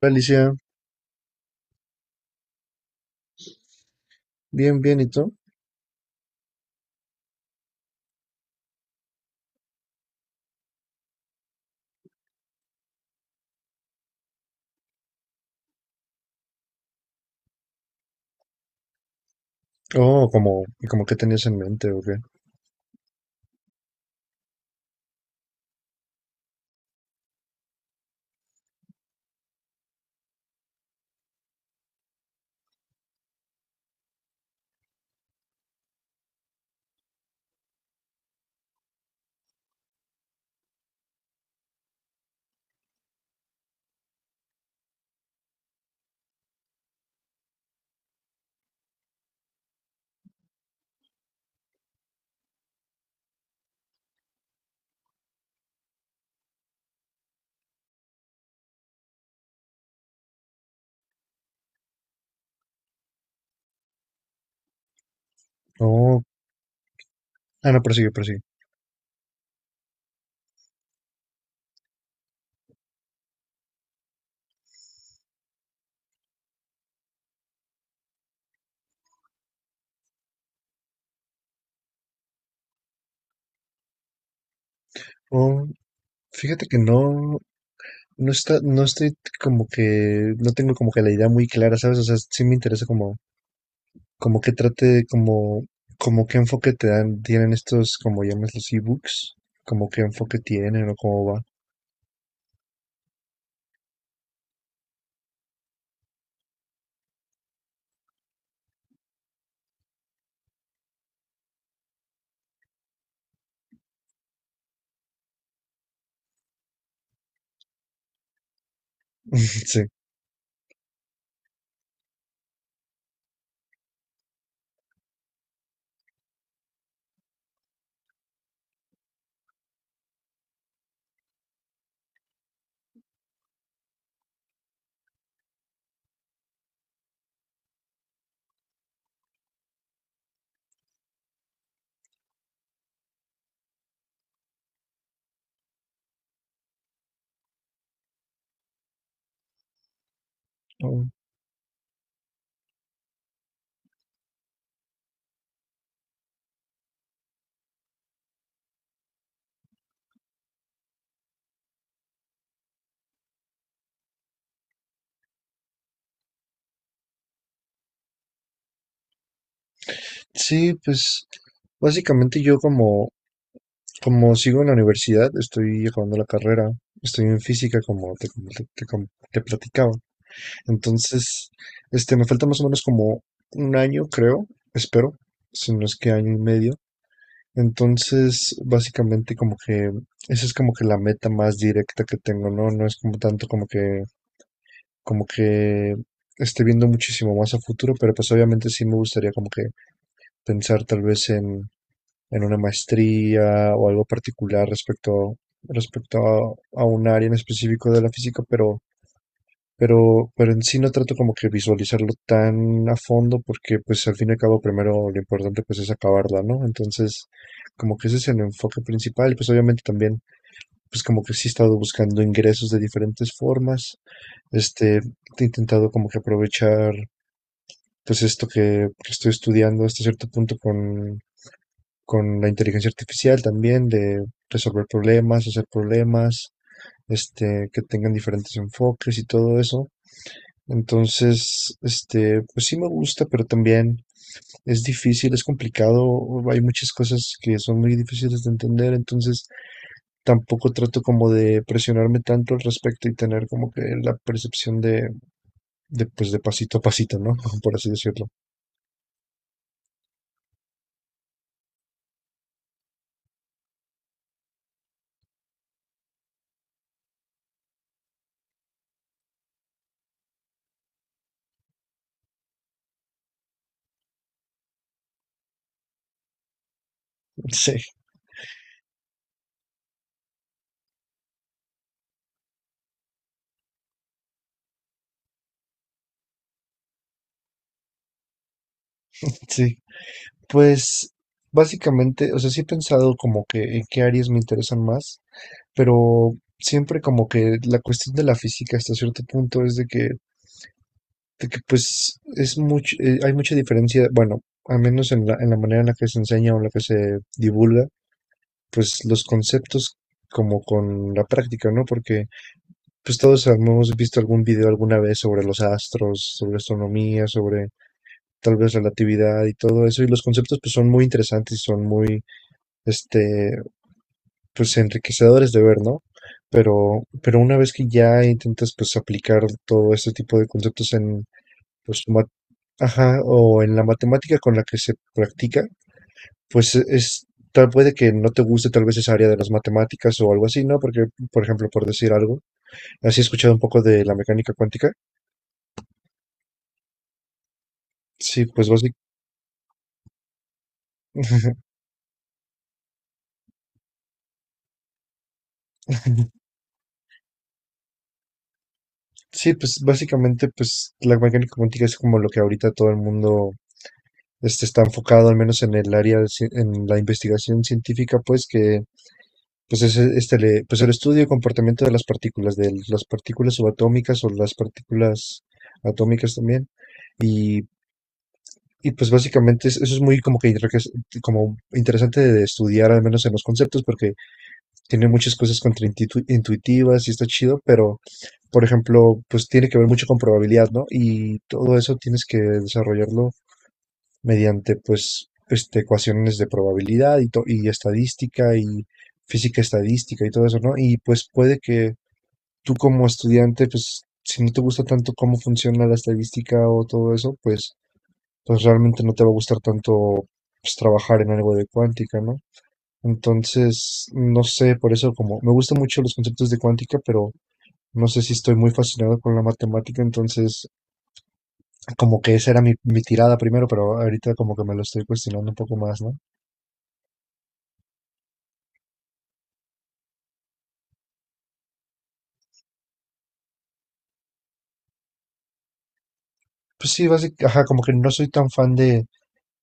Hola, Alicia, bien, bien, ¿y tú? Oh, como, ¿y como qué tenías en mente o qué? Oh, ah, no, persigue, persigue. Oh, fíjate que no, no estoy como que, no tengo como que la idea muy clara, ¿sabes? O sea, sí me interesa como, como qué trate, como, como qué enfoque te dan, tienen estos, como llamas los ebooks, como qué enfoque tienen o cómo va. Sí. Mm, sí, pues básicamente yo como, como sigo en la universidad, estoy acabando la carrera, estoy en física como te platicaba. Entonces, me falta más o menos como un año, creo, espero, si no es que año y medio. Entonces, básicamente como que esa es como que la meta más directa que tengo, ¿no? No es como tanto como que esté viendo muchísimo más a futuro, pero pues obviamente sí me gustaría como que pensar tal vez en una maestría o algo particular respecto, respecto a un área en específico de la física, pero en sí no trato como que visualizarlo tan a fondo porque pues al fin y al cabo primero lo importante pues es acabarla, ¿no? Entonces como que ese es el enfoque principal y pues obviamente también pues como que sí he estado buscando ingresos de diferentes formas. Este, he intentado como que aprovechar pues esto que estoy estudiando hasta cierto punto con la inteligencia artificial también, de resolver problemas, hacer problemas, que tengan diferentes enfoques y todo eso. Entonces, pues sí me gusta, pero también es difícil, es complicado, hay muchas cosas que son muy difíciles de entender, entonces tampoco trato como de presionarme tanto al respecto y tener como que la percepción pues de pasito a pasito, ¿no? Por así decirlo. Sí, sí. Pues básicamente, o sea, sí he pensado como que en qué áreas me interesan más, pero siempre como que la cuestión de la física hasta cierto punto es de que pues es mucho, hay mucha diferencia, bueno, al menos en la manera en la que se enseña o en la que se divulga. Pues los conceptos como con la práctica, ¿no? Porque pues todos hemos visto algún video alguna vez sobre los astros, sobre astronomía, sobre tal vez relatividad y todo eso, y los conceptos pues son muy interesantes y son muy, este, pues enriquecedores de ver, ¿no? Pero una vez que ya intentas pues aplicar todo este tipo de conceptos en, pues, ajá, o en la matemática con la que se practica, pues, es tal puede que no te guste tal vez esa área de las matemáticas o algo así, ¿no? Porque, por ejemplo, por decir algo, ¿has escuchado un poco de la mecánica cuántica? Sí, pues básic sí, pues básicamente, pues la mecánica cuántica es como lo que ahorita todo el mundo, está enfocado, al menos en el área de cien en la investigación científica, pues que, pues es, este, le pues el estudio y comportamiento de las partículas subatómicas o las partículas atómicas también. Y Y pues básicamente eso es muy como que, creo como interesante de estudiar, al menos en los conceptos, porque tiene muchas cosas contraintuitivas y está chido, pero por ejemplo, pues tiene que ver mucho con probabilidad, ¿no? Y todo eso tienes que desarrollarlo mediante pues ecuaciones de probabilidad y, y estadística y física estadística y todo eso, ¿no? Y pues puede que tú como estudiante, pues si no te gusta tanto cómo funciona la estadística o todo eso, pues pues realmente no te va a gustar tanto pues, trabajar en algo de cuántica, ¿no? Entonces, no sé, por eso como me gustan mucho los conceptos de cuántica, pero no sé si estoy muy fascinado con la matemática, entonces como que esa era mi, mi tirada primero, pero ahorita como que me lo estoy cuestionando un poco más, ¿no? Pues sí, básicamente, ajá, como que no soy tan fan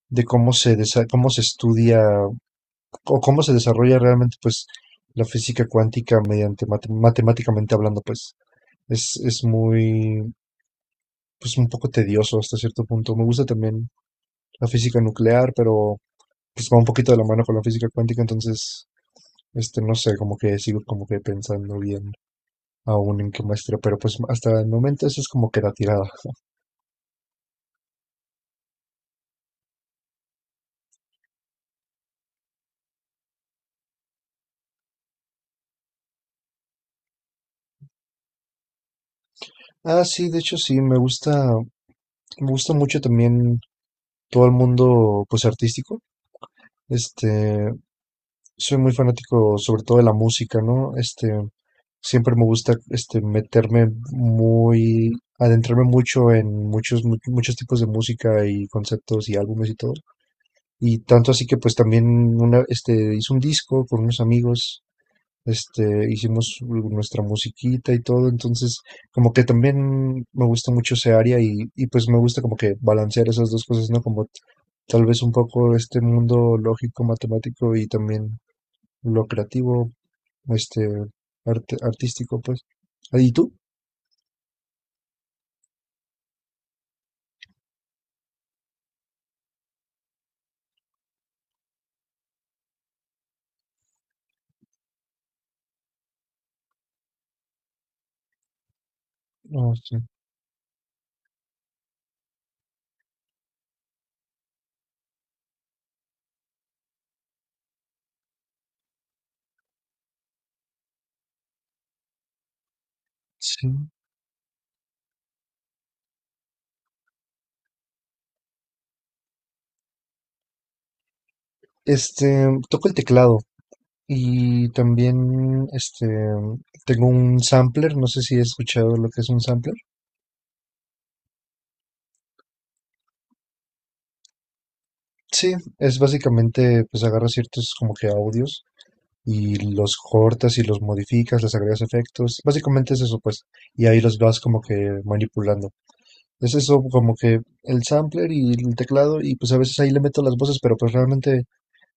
de cómo cómo se estudia o cómo se desarrolla realmente pues la física cuántica mediante matemáticamente hablando, pues es muy pues un poco tedioso hasta cierto punto. Me gusta también la física nuclear, pero pues va un poquito de la mano con la física cuántica, entonces, no sé, como que sigo como que pensando bien aún en qué maestría, pero pues hasta el momento eso es como que la tirada. Ah, sí, de hecho sí, me gusta mucho también todo el mundo, pues artístico. Este, soy muy fanático sobre todo de la música, ¿no? Siempre me gusta este meterme muy, adentrarme mucho en muchos muchos tipos de música y conceptos y álbumes y todo. Y tanto así que pues también una este hice un disco con unos amigos, este hicimos nuestra musiquita y todo, entonces como que también me gusta mucho ese área y pues me gusta como que balancear esas dos cosas, ¿no? Como tal vez un poco este mundo lógico, matemático y también lo creativo, este, artístico, pues. Ah, ¿y tú? No sí. Sí. Toco el teclado y también, tengo un sampler, no sé si he escuchado lo que es un sampler. Sí, es básicamente, pues agarras ciertos como que audios y los cortas y los modificas, les agregas efectos. Básicamente es eso, pues. Y ahí los vas como que manipulando. Es eso como que el sampler y el teclado y pues a veces ahí le meto las voces, pero pues realmente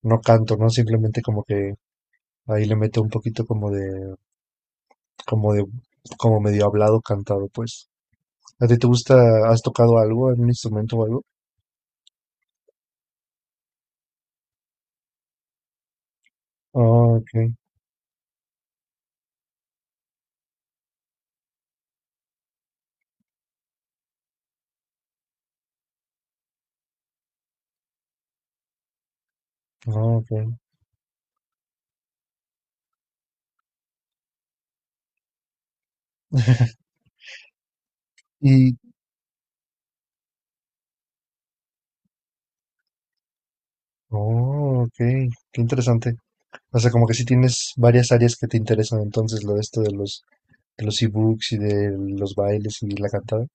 no canto, ¿no? Simplemente como que ahí le meto un poquito como de, como medio hablado cantado, pues. ¿A ti te gusta, has tocado algo, algún instrumento o algo? Ah, ok, ah, ok. Y, oh, ok, qué interesante. O sea, como que sí tienes varias áreas que te interesan entonces, lo de esto de los ebooks y de los bailes y la cantada.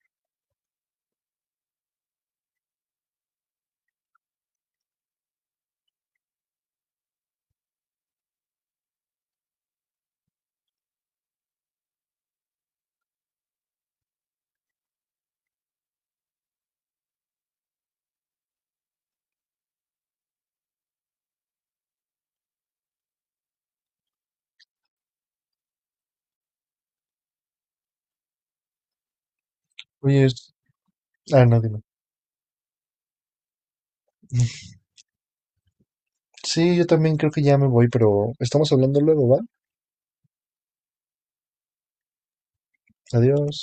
Oye, ah, no, dime. Sí, yo también creo que ya me voy, pero estamos hablando luego, ¿va? Adiós.